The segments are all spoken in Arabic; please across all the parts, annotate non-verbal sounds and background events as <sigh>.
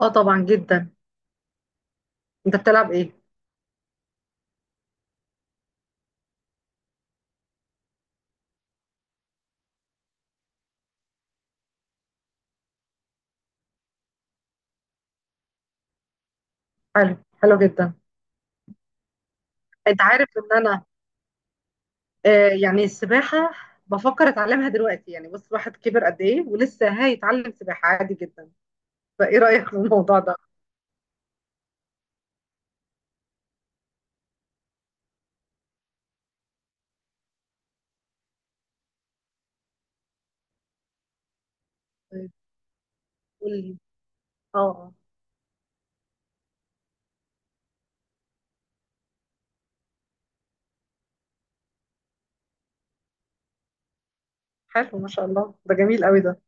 اه طبعا جدا. انت بتلعب ايه؟ حلو، حلو جدا. انت عارف ان انا يعني السباحه بفكر اتعلمها دلوقتي، يعني بص الواحد كبر قد ايه ولسه هيتعلم سباحه عادي جدا. فايه رايك في الموضوع ده؟ طيب، قول لي. اه آه. حلو، ما شاء الله، ده جميل قوي ده.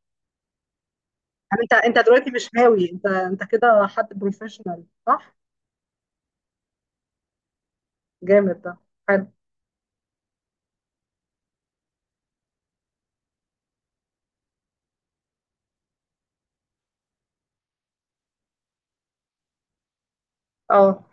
يعني انت دلوقتي مش هاوي، انت كده حد بروفيشنال صح؟ جامد ده. حلو. اه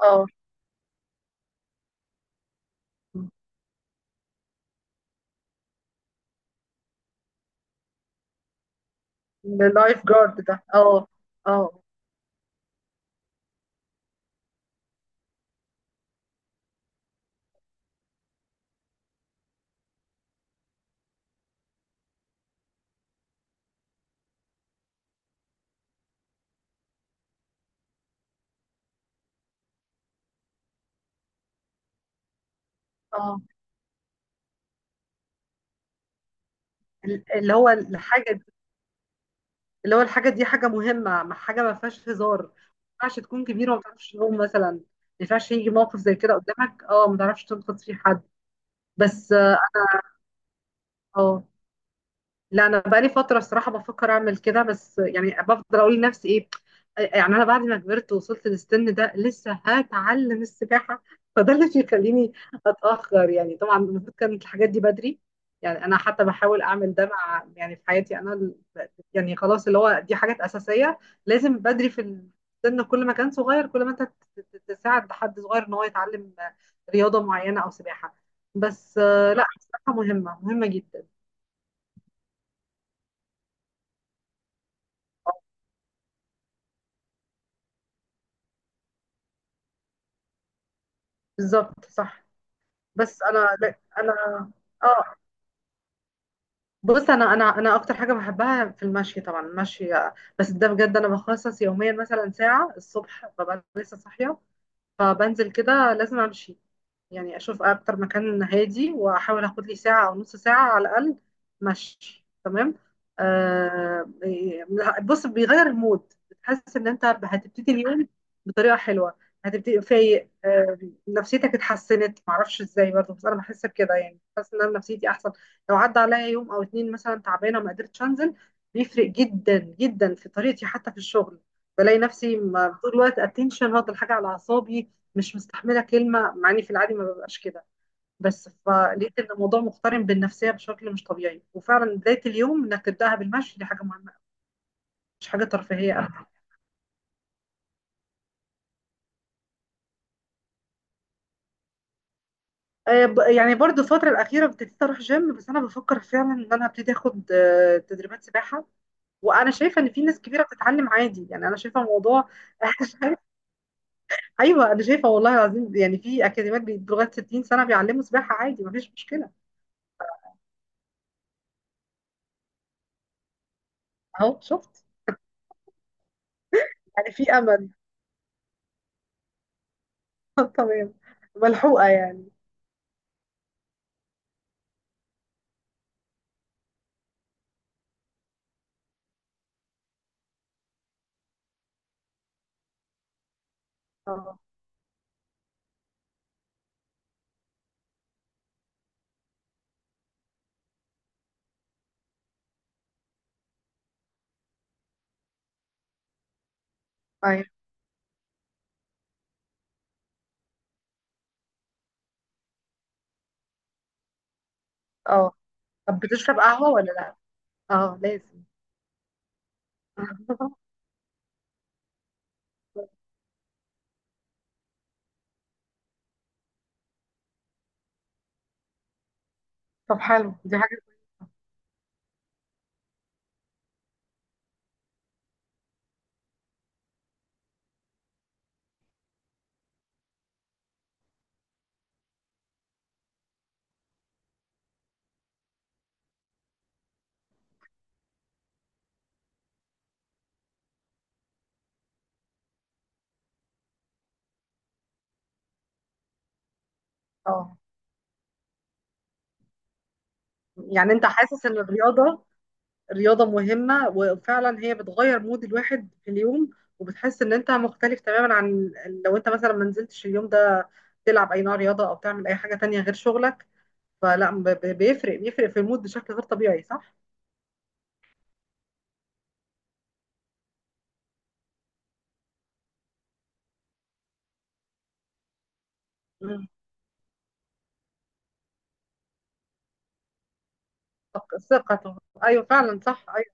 اه. اللايف جارد ده؟ اه اه اه. اللي هو الحاجه، اللي هو الحاجة دي حاجة مهمة، حاجة ما فيهاش هزار. ما ينفعش تكون كبيرة وما تعرفش تقوم، مثلا ما ينفعش يجي موقف زي كده قدامك اه ما تعرفش تنقذ فيه حد. بس اه. لا انا بقالي فتره الصراحه بفكر اعمل كده، بس يعني بفضل اقول لنفسي ايه، يعني انا بعد ما كبرت ووصلت للسن ده لسه هتعلم السباحه، فده اللي بيخليني اتاخر. يعني طبعا المفروض كانت الحاجات دي بدري، يعني انا حتى بحاول اعمل ده مع، يعني في حياتي انا يعني خلاص اللي هو دي حاجات اساسيه لازم بدري في السن، كل ما كان صغير كل ما انت تساعد حد صغير ان هو يتعلم رياضه معينه او سباحه. بس لا السباحه مهمه، مهمه جدا. بالظبط صح. بس انا لا انا اه. بص انا انا اكتر حاجه بحبها في المشي، طبعا المشي، بس ده بجد انا بخصص يوميا مثلا ساعه الصبح ببقى لسه صاحيه، فبنزل كده لازم امشي، يعني اشوف اكتر مكان هادي واحاول اخد لي ساعه او نص ساعه على الاقل مشي. تمام. آه إيه، بص بيغير المود، بتحس ان انت هتبتدي اليوم بطريقه حلوه، هتبتدي فايق نفسيتك اتحسنت، معرفش ازاي برضه، بس انا بحس بكده، يعني بحس ان انا نفسيتي احسن. لو عدى عليا يوم او اتنين مثلا تعبانه وما قدرتش انزل بيفرق جدا جدا في طريقتي حتى في الشغل، بلاقي نفسي طول الوقت اتنشن واخد الحاجه على اعصابي، مش مستحمله كلمه، مع اني في العادي ما ببقاش كده. بس فلقيت ان الموضوع مقترن بالنفسيه بشكل مش طبيعي، وفعلا بدايه اليوم انك تبداها بالمشي دي حاجه مهمه أوي، مش حاجه ترفيهيه أبدا. يعني برضو الفتره الاخيره ابتديت اروح جيم، بس انا بفكر فعلا ان انا ابتدي اخد تدريبات سباحه. وانا شايفه ان في ناس كبيره بتتعلم عادي، يعني انا شايفه الموضوع <laughs> ايوه. انا شايفه والله العظيم، يعني في اكاديميات لغايه 60 سنه بيعلموا سباحه عادي، مفيش مشكله. اهو شفت، يعني في امل. <laughs> تمام، ملحوقه يعني. اه. طيب اه. طب بتشرب قهوة ولا لا؟ اه لازم. <laughs> طب حلو، دي حاجة. اه. يعني انت حاسس ان الرياضة رياضة مهمة وفعلا هي بتغير مود الواحد في اليوم، وبتحس ان انت مختلف تماما عن لو انت مثلا ما نزلتش اليوم ده تلعب اي نوع رياضة او تعمل اي حاجة تانية غير شغلك، فلا بيفرق في المود بشكل غير طبيعي صح؟ مم. ثقته. ايوه فعلا صح، ايوه.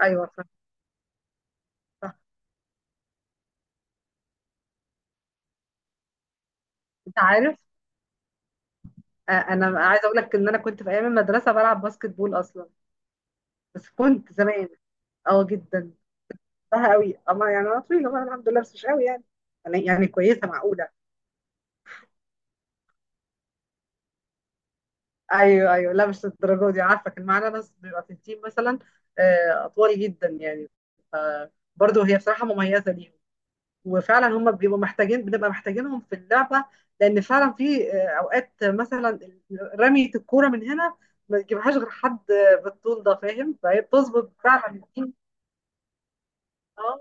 ايوه صح. صح. انت عارف، انا عايزه اقول لك ان انا كنت في ايام المدرسه بلعب باسكت بول اصلا. بس كنت زمان. اه جدا. بحبها قوي. اما يعني انا طويله بقى الحمد لله، بس مش قوي يعني، يعني كويسه معقوله. ايوه ايوه، لا مش الدرجه دي، عارفه كان معانا ناس بيبقى في التيم مثلا اطوال جدا يعني. برضه هي بصراحه مميزه ليهم، وفعلا هم بيبقوا محتاجين، بنبقى محتاجينهم في اللعبه، لان فعلا في اوقات مثلا رميه الكوره من هنا ما تجيبهاش غير حد بالطول ده، فاهم؟ فهي بتظبط فعلا. اه،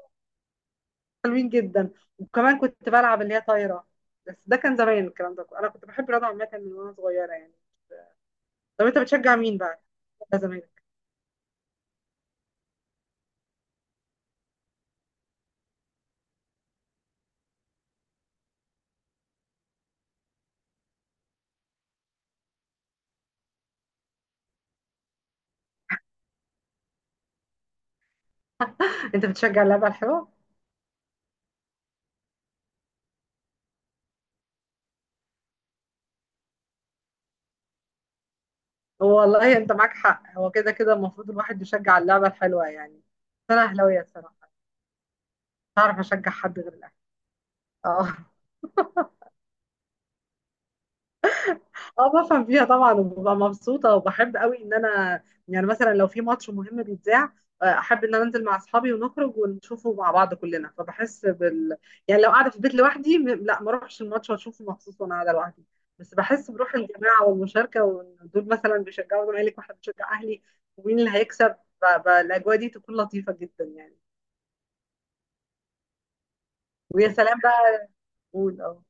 حلوين جدا. وكمان كنت بلعب اللي هي طايره، بس ده كان زمان الكلام ده، انا كنت بحب الرياضه عامه من وانا صغيره يعني. طب انت بتشجع مين بقى؟ ده زمان. انت بتشجع اللعبه الحلوه. هو والله انت معاك حق، هو كده كده المفروض الواحد يشجع اللعبه الحلوه يعني. بس انا اهلاويه الصراحه، مش هعرف اشجع حد غير الاهلي. اه اه. بفهم فيها طبعا، وببقى مبسوطه، وبحب قوي ان انا، يعني مثلا لو في ماتش مهم بيتذاع احب ان انا انزل مع اصحابي ونخرج ونشوفه مع بعض كلنا، فبحس بال، يعني لو قاعده في البيت لوحدي لا ما اروحش الماتش واشوفه مخصوص وانا قاعده لوحدي، بس بحس بروح الجماعه والمشاركه، وان دول مثلا بيشجعوا زمالك واحنا بنشجع اهلي، ومين اللي هيكسب، الاجواء دي تكون لطيفه جدا يعني. ويا سلام بقى. قول اه.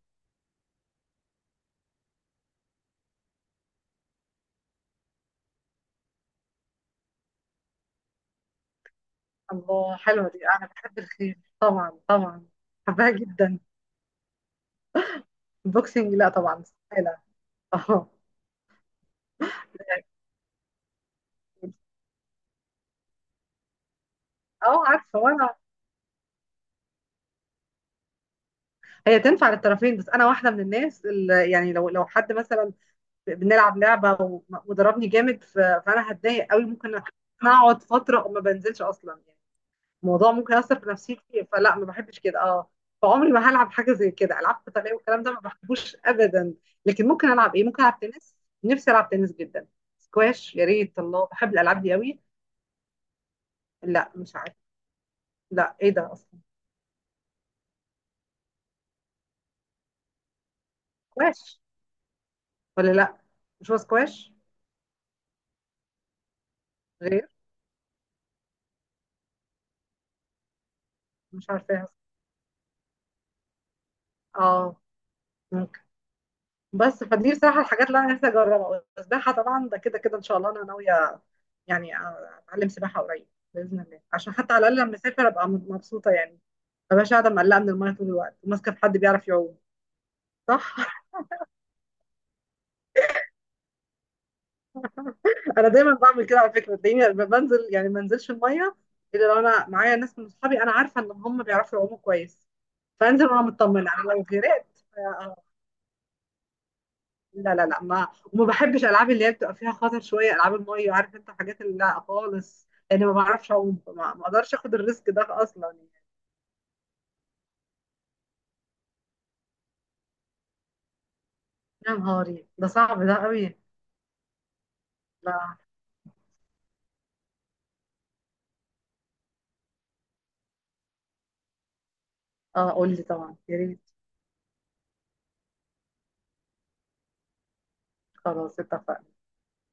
الله، حلوه دي، انا بحب الخيل طبعا طبعا. بحبها جدا. البوكسنج لا طبعا استحالة. اه. اه عارفه، وانا هي تنفع للطرفين، بس انا واحده من الناس اللي يعني لو لو حد مثلا بنلعب لعبه وضربني جامد فانا هتضايق قوي، ممكن اقعد فتره وما بنزلش اصلا يعني، الموضوع ممكن ياثر في نفسيتي، فلا ما بحبش كده اه. فعمري ما هلعب حاجه زي كده، العاب قتاليه والكلام ده ما بحبوش ابدا. لكن ممكن العب ايه؟ ممكن العب تنس، نفسي العب تنس جدا. سكواش يا ريت، الله بحب الالعاب دي قوي. لا مش عارف، لا ايه ده اصلا؟ سكواش ولا لا؟ مش هو سكواش؟ مش عارفاها. اه، ممكن. بس فدي بصراحة الحاجات اللي أنا نفسي أجربها، والسباحة طبعا ده كده كده، إن شاء الله أنا ناوية يعني أتعلم سباحة قريب بإذن الله، عشان حتى على الأقل لما أسافر أبقى مبسوطة يعني، ما بقاش قاعدة مقلقة من المية طول الوقت وماسكة في حد بيعرف يعوم. صح. <laughs> أنا دايما بعمل كده على فكرة، تلاقيني لما بنزل يعني ما انزلش المية إلا لو أنا معايا ناس من أصحابي أنا عارفة إن هم بيعرفوا يعوموا كويس، فأنزل وأنا مطمنة، أنا لو غرقت آه، لا ما وما بحبش العاب اللي هي بتبقى فيها خطر شويه، العاب الميه عارف انت، حاجات اللي لا خالص، لان ما بعرفش اعوم، ما اقدرش اخد الريسك ده اصلا يعني. يا نهاري، ده صعب ده قوي. لا. اه قول لي طبعا يا ريت. خلاص اتفقنا.